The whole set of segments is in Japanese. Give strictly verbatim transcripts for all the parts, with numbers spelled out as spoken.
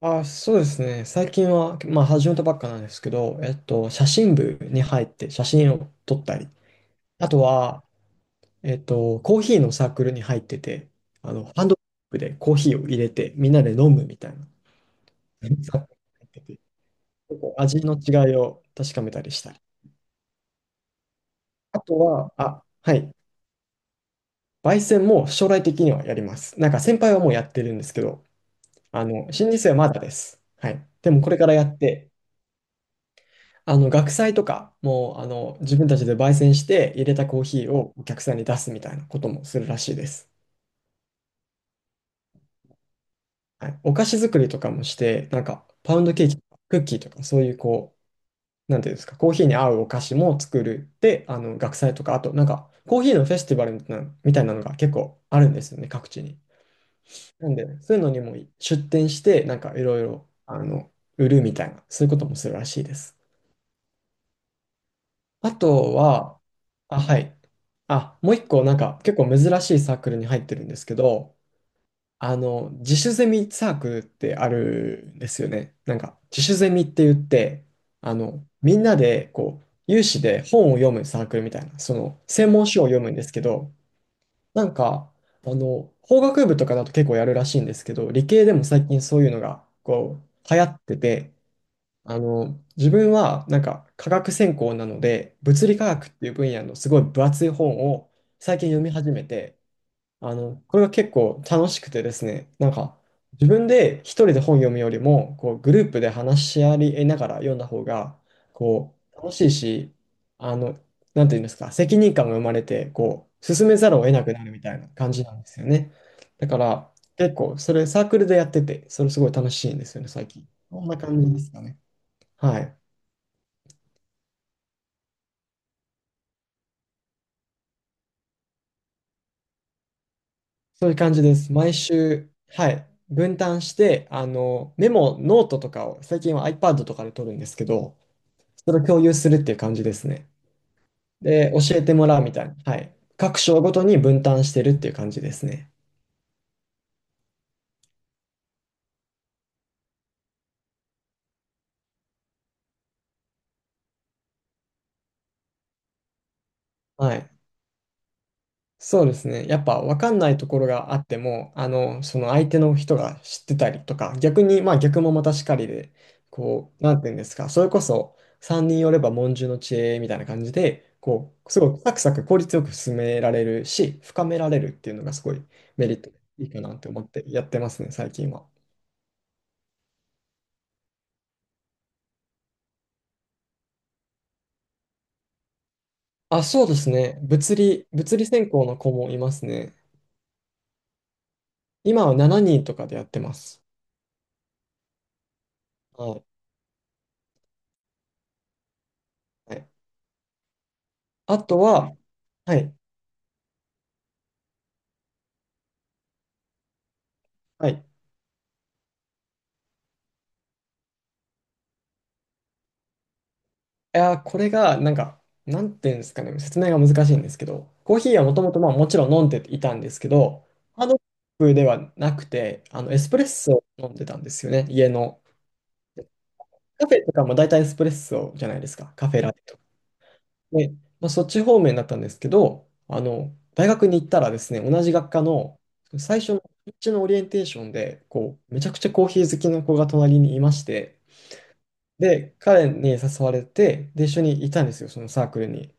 あ、そうですね。最近は、まあ、始めたばっかなんですけど、えっと、写真部に入って写真を撮ったり、あとは、えっと、コーヒーのサークルに入ってて、あの、ハンドドリップでコーヒーを入れて、みんなで飲むみたいな、サークルに入ってて、結構味の違いを確かめたりしたり。あとは、あ、はい、焙煎も将来的にはやります。なんか先輩はもうやってるんですけど、あの、新入生はまだです。はい。でもこれからやって、あの、学祭とか、もう、あの、自分たちで焙煎して入れたコーヒーをお客さんに出すみたいなこともするらしいです。はい。お菓子作りとかもして、なんか、パウンドケーキとか、クッキーとか、そういうこう、なんていうんですか、コーヒーに合うお菓子も作る。で、あの、学祭とか、あと、なんか、コーヒーのフェスティバルみたいなみたいなのが結構あるんですよね、各地に。なんで、そういうのにも出店して、なんか、いろいろ、あの、売るみたいな、そういうこともするらしいです。あとは、あ、はい。あ、もう一個なんか結構珍しいサークルに入ってるんですけど、あの、自主ゼミサークルってあるんですよね。なんか自主ゼミって言って、あの、みんなでこう、有志で本を読むサークルみたいな、その専門書を読むんですけど、なんか、あの、法学部とかだと結構やるらしいんですけど、理系でも最近そういうのがこう、流行ってて、あの、自分はなんか科学専攻なので、物理科学っていう分野のすごい分厚い本を最近読み始めて、あの、これが結構楽しくてですね、なんか自分で一人で本読むよりも、こうグループで話し合いながら読んだ方が、こう楽しいし、あの、なんていうんですか、責任感が生まれて、こう進めざるを得なくなるみたいな感じなんですよね。だから結構それサークルでやってて、それすごい楽しいんですよね、最近。こんな感じですかね。はい。そういう感じです。毎週、はい。分担して、あの、メモ、ノートとかを、最近は iPad とかで取るんですけど、それを共有するっていう感じですね。で、教えてもらうみたいな。はい。各章ごとに分担してるっていう感じですね。はい。そうですね。やっぱ分かんないところがあっても、あの、その相手の人が知ってたりとか、逆に、まあ逆もまたしかりで、こう、なんていうんですか、それこそさんにん寄れば文殊の知恵みたいな感じで、こう、すごいサクサク効率よく進められるし、深められるっていうのがすごいメリット、いいかなって思ってやってますね、最近は。あ、そうですね。物理、物理専攻の子もいますね。今はななにんとかでやってます。はい。はい、あとは、はい。はい、いやー、これが、なんか、なんていうんですかね、説明が難しいんですけど、コーヒーはもともと、まあ、もちろん飲んでいたんですけど、ハードコップではなくて、あの、エスプレッソを飲んでたんですよね、家の。カフェとかも大体エスプレッソじゃないですか、カフェラテとか。で、まあ、そっち方面だったんですけど、あの、大学に行ったらですね、同じ学科の最初の、うちのオリエンテーションで、こう、めちゃくちゃコーヒー好きな子が隣にいまして、で、彼に誘われて、で、一緒にいたんですよ、そのサークルに。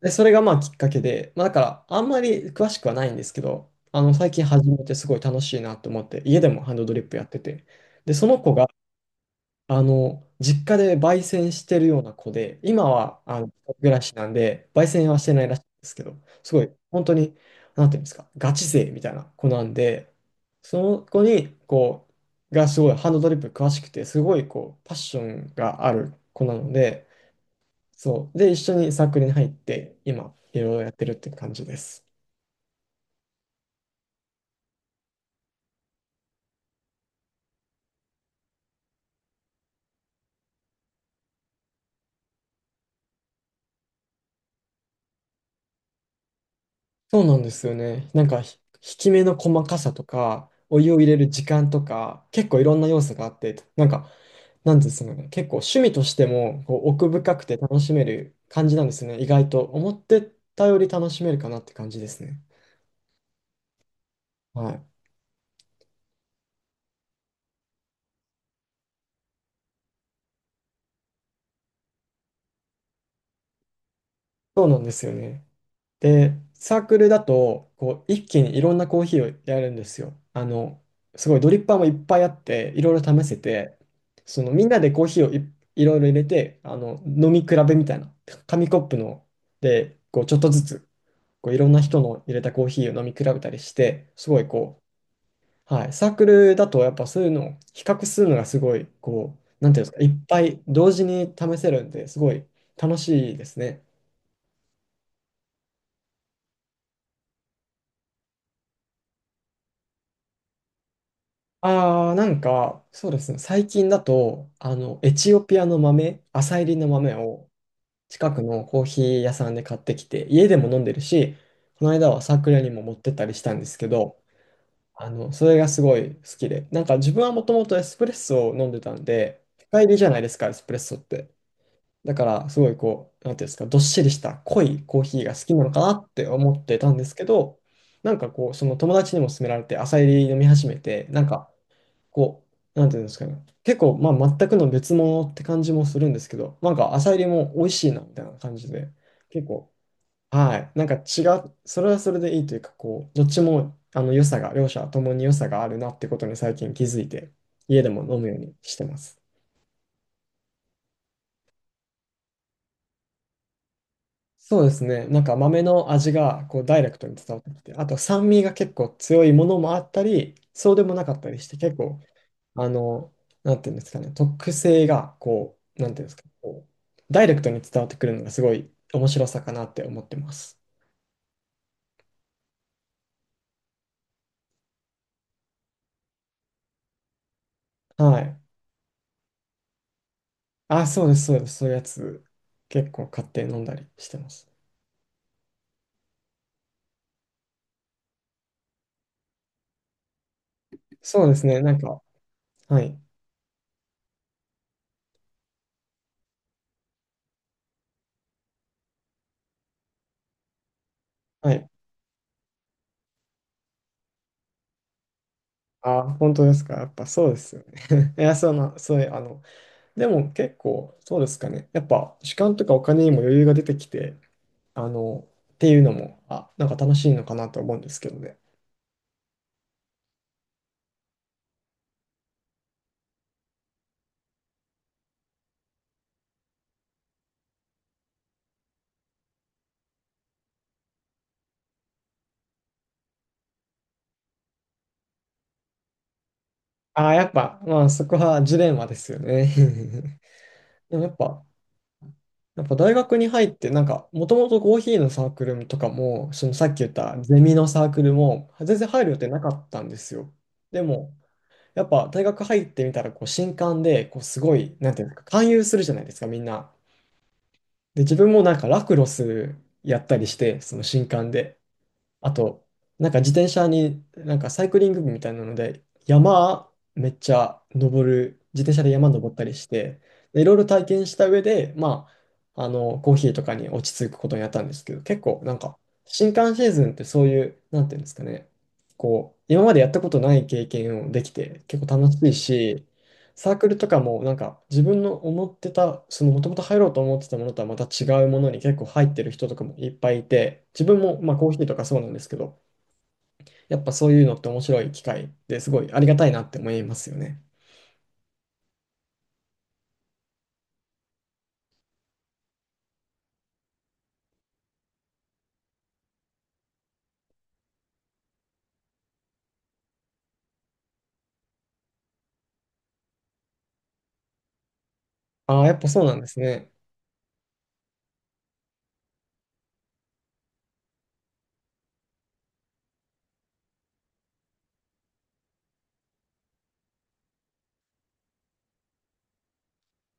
で、それがまあきっかけで、まあだからあんまり詳しくはないんですけど、あの最近始めてすごい楽しいなと思って、家でもハンドドリップやってて、で、その子があの実家で焙煎してるような子で、今はあの一人暮らしなんで、焙煎はしてないらしいんですけど、すごい本当に、なんていうんですか、ガチ勢みたいな子なんで、その子にこう、がすごいハンドドリップ詳しくて、すごいこう、パッションがある子なので、そう。で、一緒にサークルに入って、今、いろいろやってるって感じです。そうなんですよね。なんか、ひ引き目の細かさとか、お湯を入れる時間とか、結構いろんな要素があって、なんか、なんですかね、結構趣味としてもこう奥深くて楽しめる感じなんですね。意外と思ってたより楽しめるかなって感じですね。はい。そうなんですよね。で、サークルだと、こう、一気にいろんなコーヒーをやるんですよ。あの、すごいドリッパーもいっぱいあって、いろいろ試せて、そのみんなでコーヒーをい、いろいろ入れて、あの、飲み比べみたいな、紙コップので、こう、ちょっとずつ、こう、いろんな人の入れたコーヒーを飲み比べたりして、すごいこう、はい、サークルだとやっぱそういうのを比較するのがすごい、こう、なんていうんですか、いっぱい同時に試せるんで、すごい楽しいですね。ああ、なんか、そうですね。最近だと、あの、エチオピアの豆、朝入りの豆を近くのコーヒー屋さんで買ってきて、家でも飲んでるし、この間はサークルにも持ってったりしたんですけど、あの、それがすごい好きで、なんか自分はもともとエスプレッソを飲んでたんで、深入りじゃないですか、エスプレッソって。だから、すごいこう、なんていうんですか、どっしりした濃いコーヒーが好きなのかなって思ってたんですけど、なんかこう、その友達にも勧められて、朝入り飲み始めて、なんか、こう、なんていうんですかね。結構、まあ、全くの別物って感じもするんですけど、なんか浅入りも美味しいな、みたいな感じで、結構、はい。なんか違う、それはそれでいいというか、こう、どっちも、あの、良さが、両者ともに良さがあるなってことに最近気づいて、家でも飲むようにしてます。そうですね。なんか豆の味がこうダイレクトに伝わってきて、あと酸味が結構強いものもあったり、そうでもなかったりして、結構あの、なんていうんですかね、特性が、こう、なんていうんですか、こう、ダイレクトに伝わってくるのがすごい面白さかなって思ってます。はい。あ、そうです、そうです、そういうやつ、結構買って飲んだりしてます。そうですね、なんか、はい、はい。あ、本当ですか、やっぱそうですよね。いや、そな、そういう、あの、でも結構、そうですかね、やっぱ、時間とかお金にも余裕が出てきて、あの、っていうのも、あ、なんか楽しいのかなと思うんですけどね。ああ、やっぱ、まあそこはジレンマですよね。でもやっぱ、やっぱ大学に入って、なんか、もともとコーヒーのサークルとかも、そのさっき言ったゼミのサークルも、全然入る予定なかったんですよ。でも、やっぱ大学入ってみたら、こう、新歓で、こう、すごい、なんていうのか、勧誘するじゃないですか、みんな。で、自分もなんか、ラクロスやったりして、その新歓で。あと、なんか自転車に、なんかサイクリング部みたいなので、山めっちゃ登る、自転車で山登ったりして、でいろいろ体験した上で、まあ、あの、コーヒーとかに落ち着くことになったんですけど、結構なんか、新刊シーズンってそういう、なんていうんですかね、こう、今までやったことない経験をできて、結構楽しいし、サークルとかもなんか自分の思ってた、そのもともと入ろうと思ってたものとはまた違うものに結構入ってる人とかもいっぱいいて、自分もまあコーヒーとかそうなんですけど、やっぱそういうのって面白い機会ですごいありがたいなって思いますよね。ああ、やっぱそうなんですね。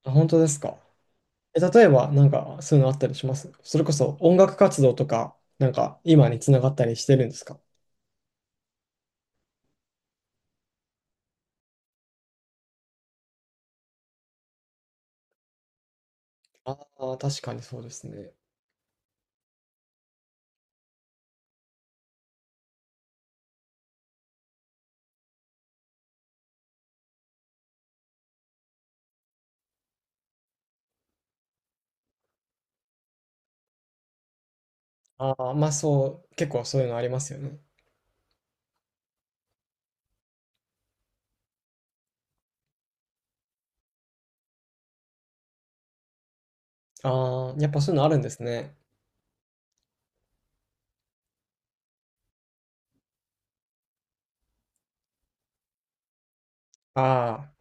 あ、本当ですか。え、例えば、なんか、そういうのあったりします、それこそ音楽活動とか、なんか、今につながったりしてるんですか？ああー、確かにそうですね。ああ、まあそう、結構そういうのありますよね。ああ、やっぱそういうのあるんですね。ああ、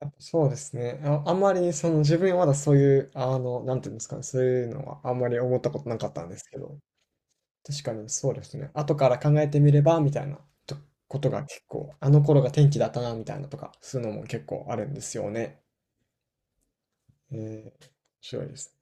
やっぱそうですね。あ、あんまりその自分はまだそういう、あの、なんていうんですかね、そういうのはあんまり思ったことなかったんですけど、確かにそうですね。後から考えてみれば、みたいなとことが結構、あの頃が天気だったな、みたいなとか、そういうのも結構あるんですよね。えー、面白いです。